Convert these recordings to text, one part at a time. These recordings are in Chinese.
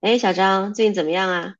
哎，小张，最近怎么样啊？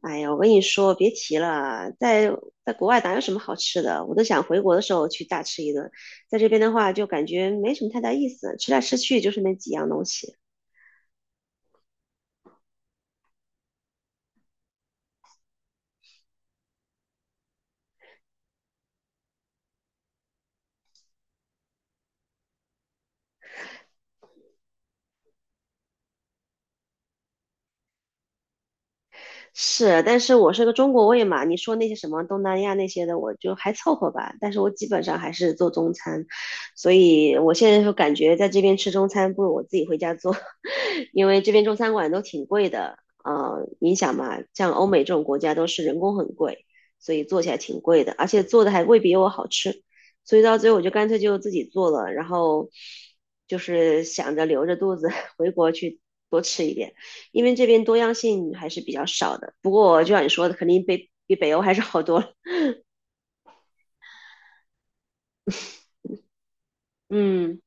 哎呀，我跟你说，别提了，在国外哪有什么好吃的，我都想回国的时候去大吃一顿。在这边的话，就感觉没什么太大意思，吃来吃去就是那几样东西。是，但是我是个中国胃嘛，你说那些什么东南亚那些的，我就还凑合吧。但是我基本上还是做中餐，所以我现在就感觉在这边吃中餐，不如我自己回家做，因为这边中餐馆都挺贵的。你想嘛，像欧美这种国家都是人工很贵，所以做起来挺贵的，而且做的还未必有我好吃，所以到最后我就干脆就自己做了，然后就是想着留着肚子 回国去多吃一点。因为这边多样性还是比较少的。不过就像你说的，肯定比北欧还是好多了。嗯，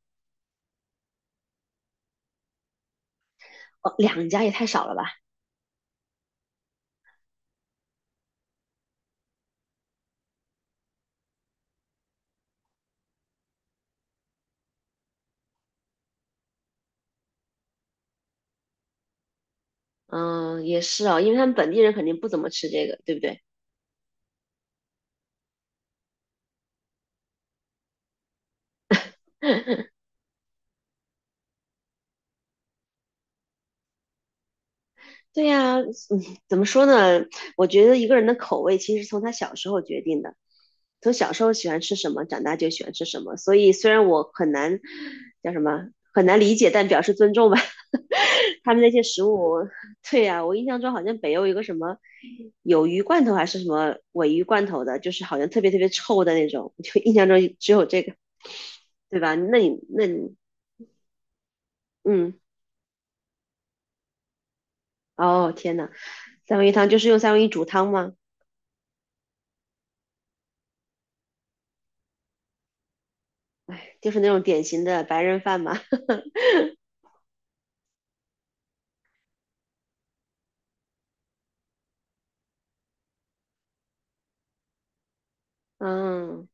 哦，两家也太少了吧？嗯，也是哦，因为他们本地人肯定不怎么吃这个，对不对？对呀，嗯，怎么说呢？我觉得一个人的口味其实从他小时候决定的，从小时候喜欢吃什么，长大就喜欢吃什么。所以虽然我很难叫什么很难理解，但表示尊重吧。他们那些食物，对呀，我印象中好像北欧有个什么有鱼罐头还是什么尾鱼罐头的，就是好像特别特别臭的那种，就印象中只有这个，对吧？那你嗯，哦天呐，三文鱼汤就是用三文鱼煮汤吗？哎，就是那种典型的白人饭嘛。嗯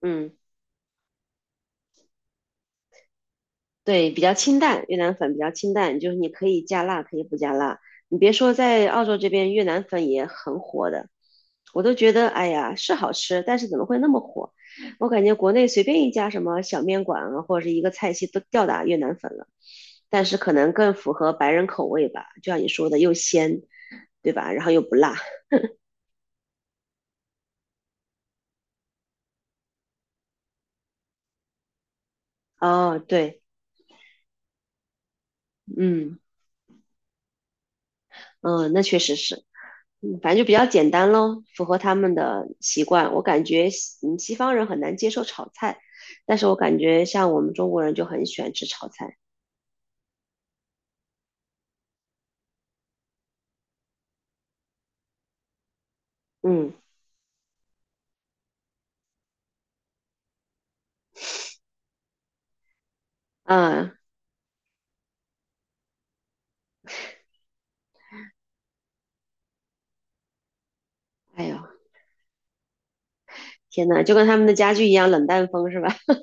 嗯，对，比较清淡，越南粉比较清淡，就是你可以加辣，可以不加辣。你别说，在澳洲这边越南粉也很火的，我都觉得，哎呀，是好吃，但是怎么会那么火？我感觉国内随便一家什么小面馆啊，或者是一个菜系都吊打越南粉了，但是可能更符合白人口味吧，就像你说的，又鲜，对吧？然后又不辣。哦，对，嗯嗯，那确实是。嗯，反正就比较简单咯，符合他们的习惯。我感觉西方人很难接受炒菜，但是我感觉像我们中国人就很喜欢吃炒菜。嗯啊，哎呦，天呐，就跟他们的家具一样冷淡风是吧？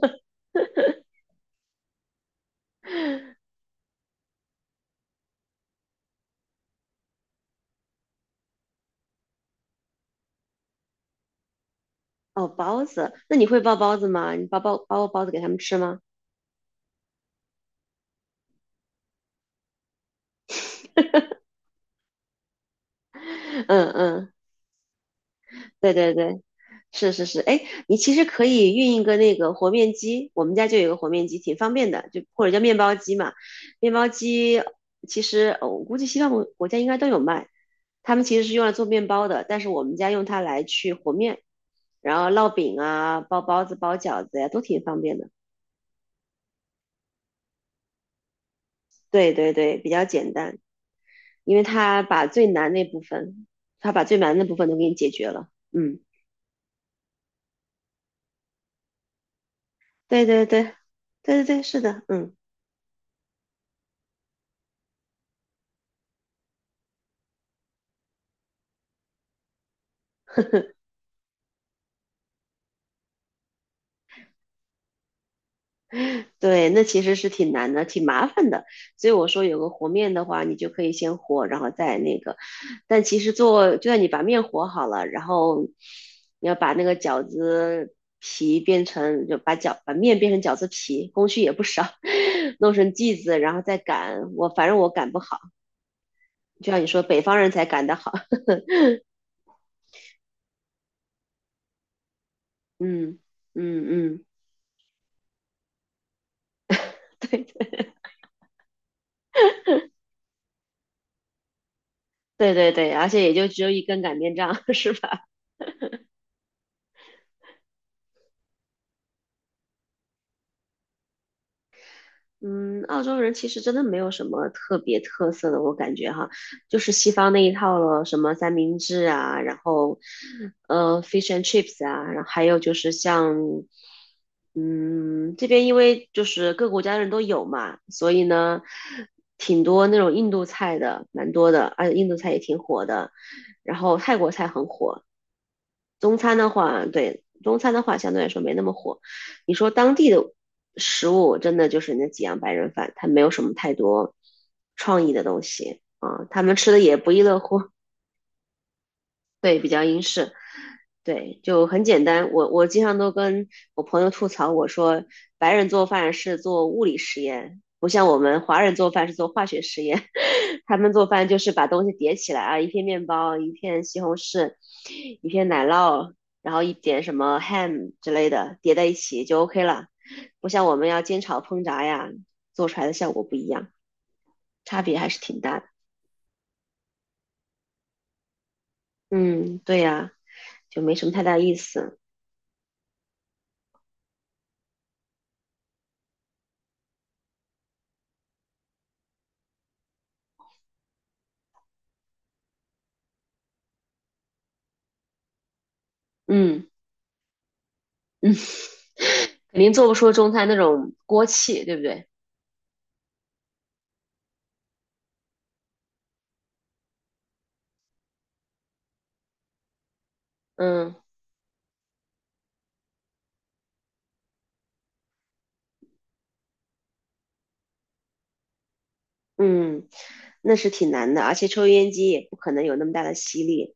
哦，包子，那你会包包子吗？你包过包子给他们吃吗？嗯嗯，对对对。是是是，哎，你其实可以运一个那个和面机，我们家就有一个和面机，挺方便的，就或者叫面包机嘛。面包机其实我估计西方国家应该都有卖，他们其实是用来做面包的，但是我们家用它来去和面，然后烙饼啊、包包子、包饺子呀，都挺方便的。对对对，比较简单，因为它把最难那部分，它把最难的部分都给你解决了。嗯，对对对，对对对，是的，嗯。对，那其实是挺难的，挺麻烦的。所以我说有个和面的话，你就可以先和，然后再那个。但其实做，就算你把面和好了，然后你要把那个饺子皮变成，就把面变成饺子皮，工序也不少，弄成剂子，然后再擀。我反正我擀不好，就像你说，北方人才擀得好。嗯嗯嗯，对对对对对，而且也就只有一根擀面杖，是吧？嗯，澳洲人其实真的没有什么特别特色的，我感觉哈，就是西方那一套了，什么三明治啊，然后fish and chips 啊，然后还有就是像，嗯，这边因为就是各国家的人都有嘛，所以呢，挺多那种印度菜的，蛮多的，而且印度菜也挺火的，然后泰国菜很火，中餐的话，对，中餐的话相对来说没那么火。你说当地的食物，真的就是那几样白人饭，它没有什么太多创意的东西啊，他们吃的也不亦乐乎，对，比较英式。对，就很简单。我经常都跟我朋友吐槽，我说白人做饭是做物理实验，不像我们华人做饭是做化学实验。他们做饭就是把东西叠起来啊，一片面包，一片西红柿，一片奶酪，然后一点什么 ham 之类的叠在一起就 OK 了。不像我们要煎炒烹炸呀，做出来的效果不一样，差别还是挺大的。嗯，对呀，就没什么太大意思。嗯。肯定做不出中餐那种锅气，对不对？嗯嗯，那是挺难的，而且抽油烟机也不可能有那么大的吸力，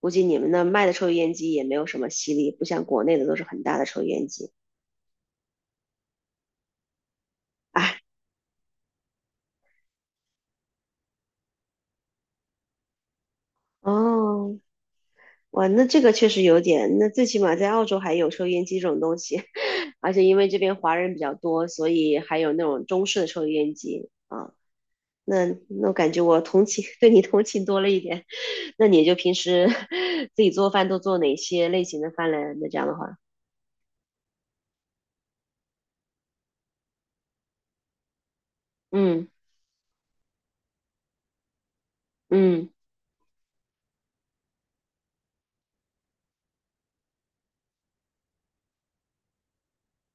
估计你们那卖的抽油烟机也没有什么吸力，不像国内的都是很大的抽油烟机。哎，哦，哇，那这个确实有点，那最起码在澳洲还有抽油烟机这种东西，而且因为这边华人比较多，所以还有那种中式的抽油烟机啊。那我感觉我同情，对你同情多了一点。那你就平时 自己做饭都做哪些类型的饭嘞？那这样的话，嗯嗯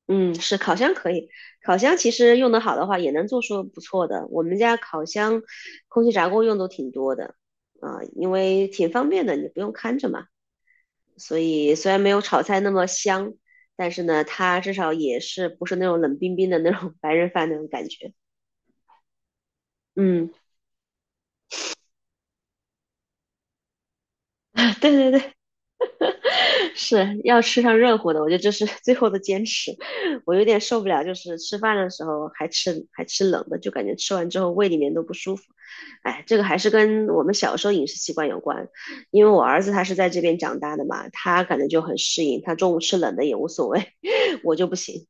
嗯，是烤箱可以，烤箱其实用得好的话也能做出不错的。我们家烤箱、空气炸锅用都挺多的啊、因为挺方便的，你不用看着嘛。所以虽然没有炒菜那么香，但是呢，它至少也是不是那种冷冰冰的那种白人饭那种感觉。嗯，对对对，是要吃上热乎的，我觉得这是 最后的坚持。我有点受不了，就是吃饭的时候还吃冷的，就感觉吃完之后胃里面都不舒服。哎，这个还是跟我们小时候饮食习惯有关，因为我儿子他是在这边长大的嘛，他感觉就很适应，他中午吃冷的也无所谓，我就不行。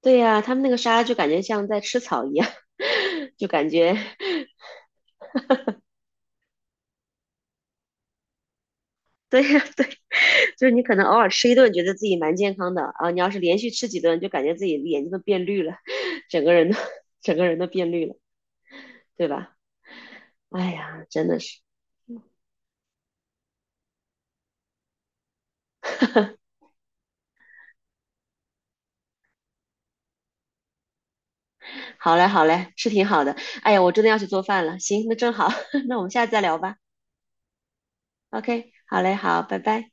对呀，他们那个沙拉就感觉像在吃草一样，就感觉 对呀，对，就是你可能偶尔吃一顿，觉得自己蛮健康的啊。你要是连续吃几顿，就感觉自己眼睛都变绿了，整个人都 整个人都变绿了，对吧？哎呀，真的是，好嘞，好嘞，是挺好的。哎呀，我真的要去做饭了。行，那正好，那我们下次再聊吧。OK，好嘞，好，拜拜。